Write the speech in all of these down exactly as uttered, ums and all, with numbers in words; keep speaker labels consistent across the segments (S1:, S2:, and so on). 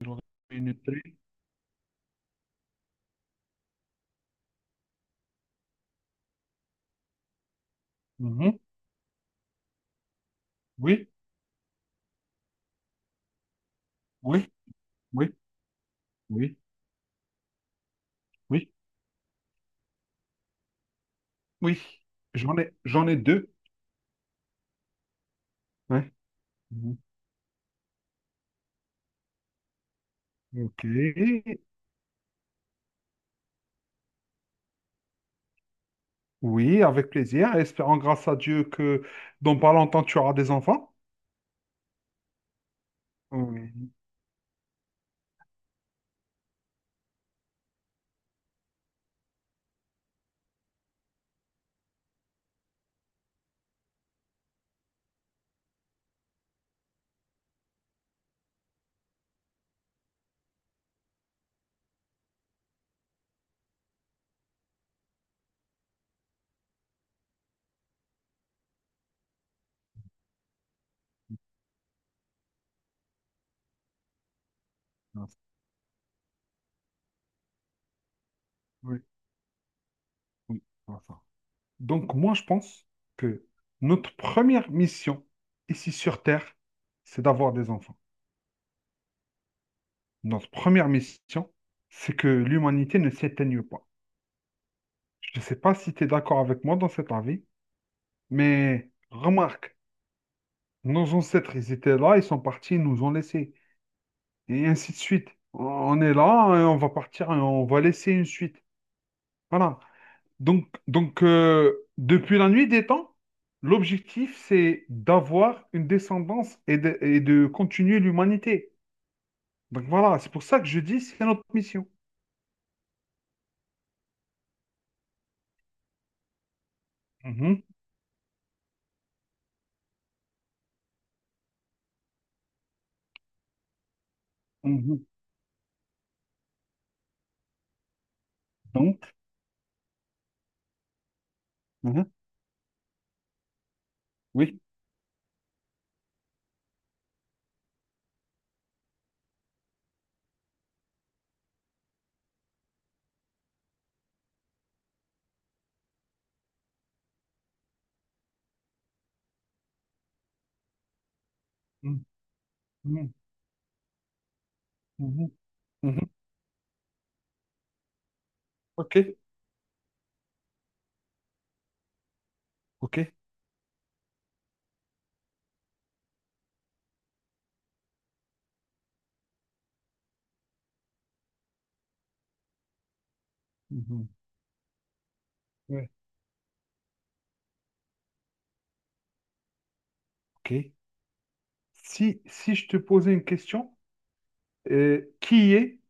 S1: J'aurais une tri- Mhm. Oui, oui, oui, oui, oui, oui. J'en ai, j'en ai deux. Ouais. Mhm. Ok. Oui, avec plaisir. Espérons grâce à Dieu que dans pas longtemps tu auras des enfants. Oui. Oui, oui, voilà. Donc moi je pense que notre première mission ici sur Terre, c'est d'avoir des enfants. Notre première mission, c'est que l'humanité ne s'éteigne pas. Je ne sais pas si tu es d'accord avec moi dans cet avis. Mais remarque, nos ancêtres, ils étaient là, ils sont partis, ils nous ont laissés. Et ainsi de suite. On est là, et on va partir, et on va laisser une suite. Voilà. Donc, donc euh, depuis la nuit des temps, l'objectif, c'est d'avoir une descendance et de, et de continuer l'humanité. Donc voilà, c'est pour ça que je dis, c'est notre mission. Mhm, mhm. Donc, mhm, oui. Mhm, mhm, mhm. Mhm. Ok, ok. Mhm, ouais, ok. Si, si je te posais une question, euh, qui est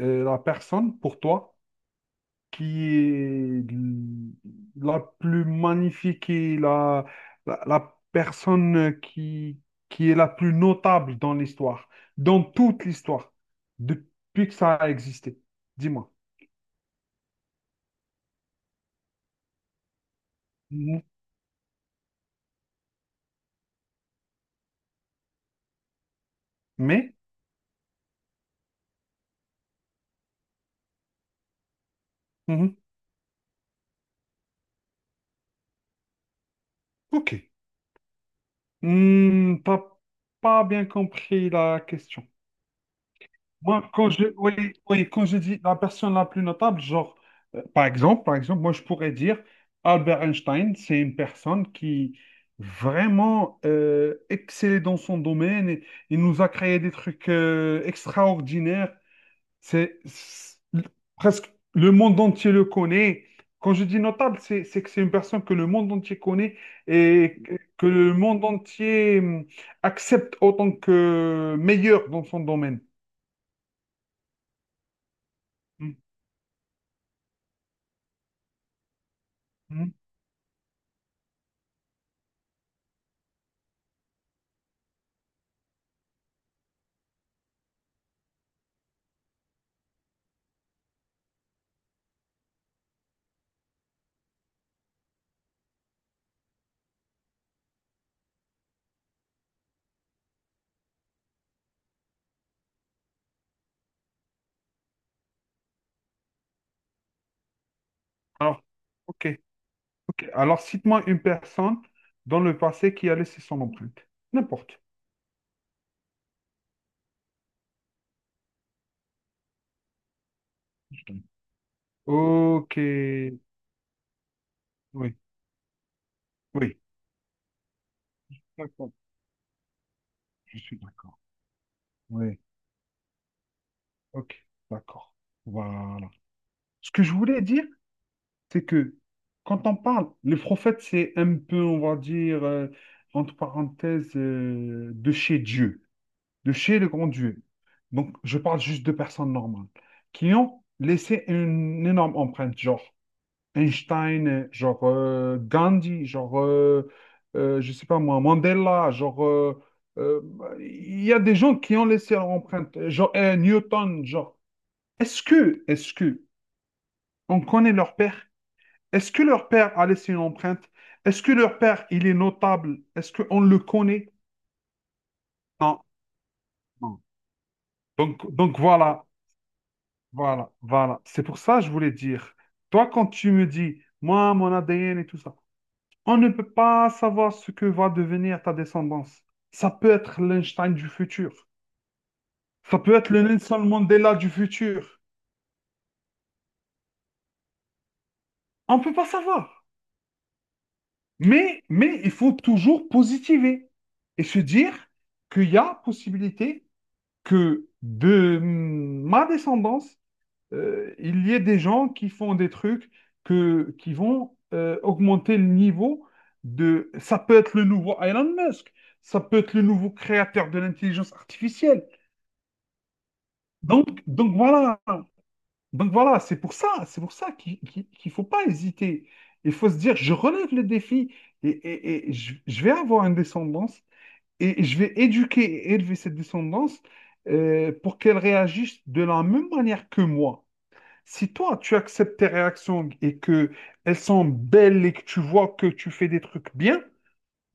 S1: euh, la personne pour toi qui est l- la plus magnifique et la, la, la personne qui, qui est la plus notable dans l'histoire, dans toute l'histoire, depuis que ça a existé? Dis-moi. Mhm. Mais, mhm, ok. Hmm, t'as pas bien compris la question. Moi, quand je, oui, oui, quand je dis la personne la plus notable, genre, euh, par exemple, par exemple, moi, je pourrais dire Albert Einstein, c'est une personne qui vraiment euh, excellait dans son domaine et il nous a créé des trucs euh, extraordinaires. C'est c'est- Presque le monde entier le connaît. Quand je dis notable, c'est c'est que c'est une personne que le monde entier connaît et que que le monde entier, hum, accepte autant que meilleur dans son domaine. Mhm. Alors, ok, ok. Alors, cite-moi une personne dans le passé qui a laissé son empreinte. N'importe. Ok, oui, oui. D'accord. Je suis d'accord. Oui, ok, d'accord. Voilà. Ce que je voulais dire, c'est que quand on parle, les prophètes, c'est un peu, on va dire, euh, entre parenthèses, euh, de chez Dieu, de chez le grand Dieu. Donc, je parle juste de personnes normales qui ont laissé une énorme empreinte, genre. Einstein, genre euh, Gandhi, genre, euh, euh, je sais pas moi, Mandela, genre, euh, euh, il y a des gens qui ont laissé leur empreinte, genre euh, Newton, genre, est-ce que, est-ce que, on connaît leur père? Est-ce que leur père a laissé une empreinte? Est-ce que leur père, il est notable? Est-ce qu'on le connaît? Non, non. Donc, donc voilà, voilà, voilà. C'est pour ça que je voulais dire, toi, quand tu me dis, moi, mon A D N et tout ça, on ne peut pas savoir ce que va devenir ta descendance. Ça peut être l'Einstein du futur. Ça peut être le Nelson Mandela du futur. On ne peut pas savoir. Mais, mais il faut toujours positiver et se dire qu'il y a possibilité que de ma descendance, euh, il y ait des gens qui font des trucs que, qui vont euh, augmenter le niveau de... Ça peut être le nouveau Elon Musk. Ça peut être le nouveau créateur de l'intelligence artificielle. Donc, donc voilà, donc voilà, c'est pour ça, c'est pour ça qu'il qu'il- qu'il faut pas hésiter. Il faut se dire, je relève le défi et, et- et je, je vais avoir une descendance et je vais éduquer et élever cette descendance euh, pour qu'elle réagisse de la même manière que moi. Si toi, tu acceptes tes réactions et que elles sont belles et que tu vois que tu fais des trucs bien,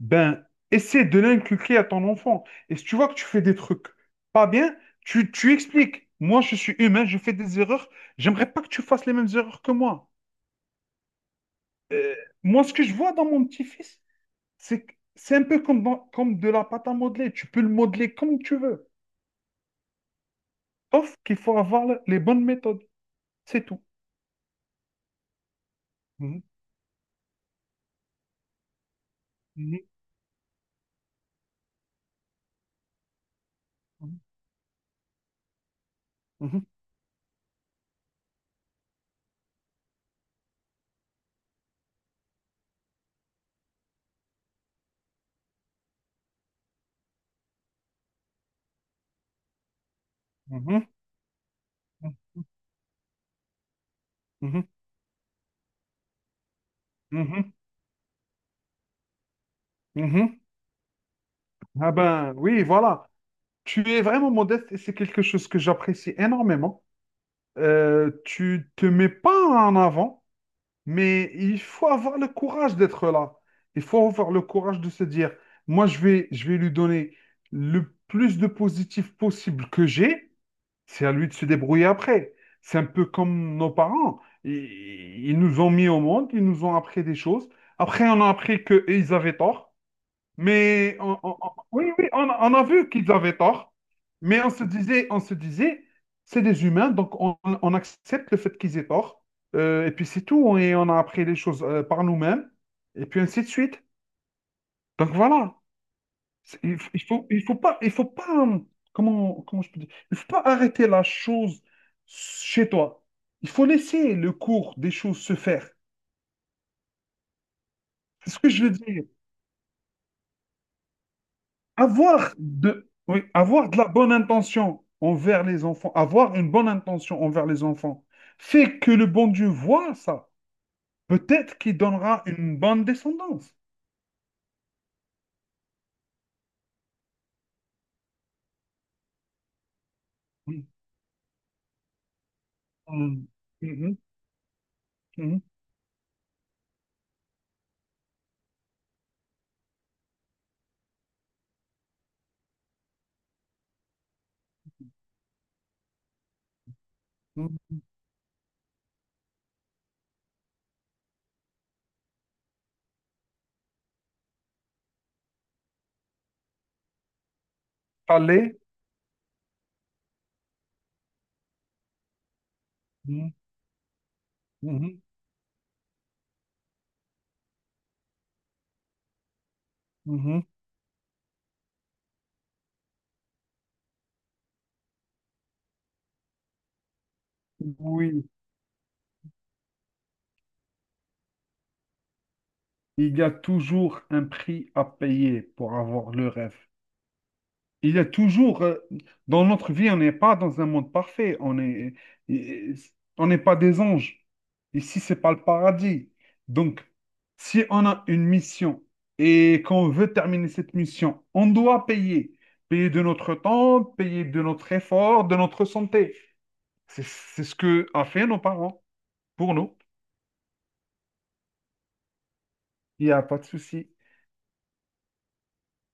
S1: ben, essaie de l'inculquer à ton enfant. Et si tu vois que tu fais des trucs pas bien, tu, tu expliques. Moi, je suis humain, je fais des erreurs. J'aimerais pas que tu fasses les mêmes erreurs que moi. Euh, Moi, ce que je vois dans mon petit-fils, c'est que c'est un peu comme, dans- comme de la pâte à modeler. Tu peux le modeler comme tu veux. Sauf qu'il faut avoir le- les bonnes méthodes. C'est tout. Mhm, mhm, mhm, mhm, mhm, mhm, mhm. Mhm. Ah ben oui, voilà. Tu es vraiment modeste et c'est quelque chose que j'apprécie énormément. Euh, tu te mets pas en avant, mais il faut avoir le courage d'être là. Il faut avoir le courage de se dire, moi, je vais, je vais lui donner le plus de positif possible que j'ai. C'est à lui de se débrouiller après. C'est un peu comme nos parents. Ils, ils nous ont mis au monde, ils nous ont appris des choses. Après, on a appris qu'ils avaient tort. Mais on- on- on- oui, oui, on, on a vu qu'ils avaient tort, mais on se disait, on se disait, c'est des humains, donc on, on accepte le fait qu'ils aient tort. Euh, et puis c'est tout, et on a appris les choses euh, par nous-mêmes, et puis ainsi de suite. Donc voilà, C'est- il, f- il faut, il faut pas, il faut pas, hum, comment, comment je peux dire, il faut pas arrêter la chose chez toi. Il faut laisser le cours des choses se faire. C'est ce que je veux dire. Avoir de, oui, avoir de la bonne intention envers les enfants, avoir une bonne intention envers les enfants, fait que le bon Dieu voit ça. Peut-être qu'il donnera une bonne descendance. Oui. Mm. Mhm, mhm, mhm. Allez. Mhm, mhm, mhm. Oui, il y a toujours un prix à payer pour avoir le rêve. Il y a toujours, euh, dans notre vie, on n'est pas dans un monde parfait. On est, et- on n'est pas des anges. Ici, c'est pas le paradis. Donc, si on a une mission et qu'on veut terminer cette mission, on doit payer. Payer de notre temps, payer de notre effort, de notre santé. C'est c'est ce que a fait nos parents pour nous. Il n'y a pas de souci.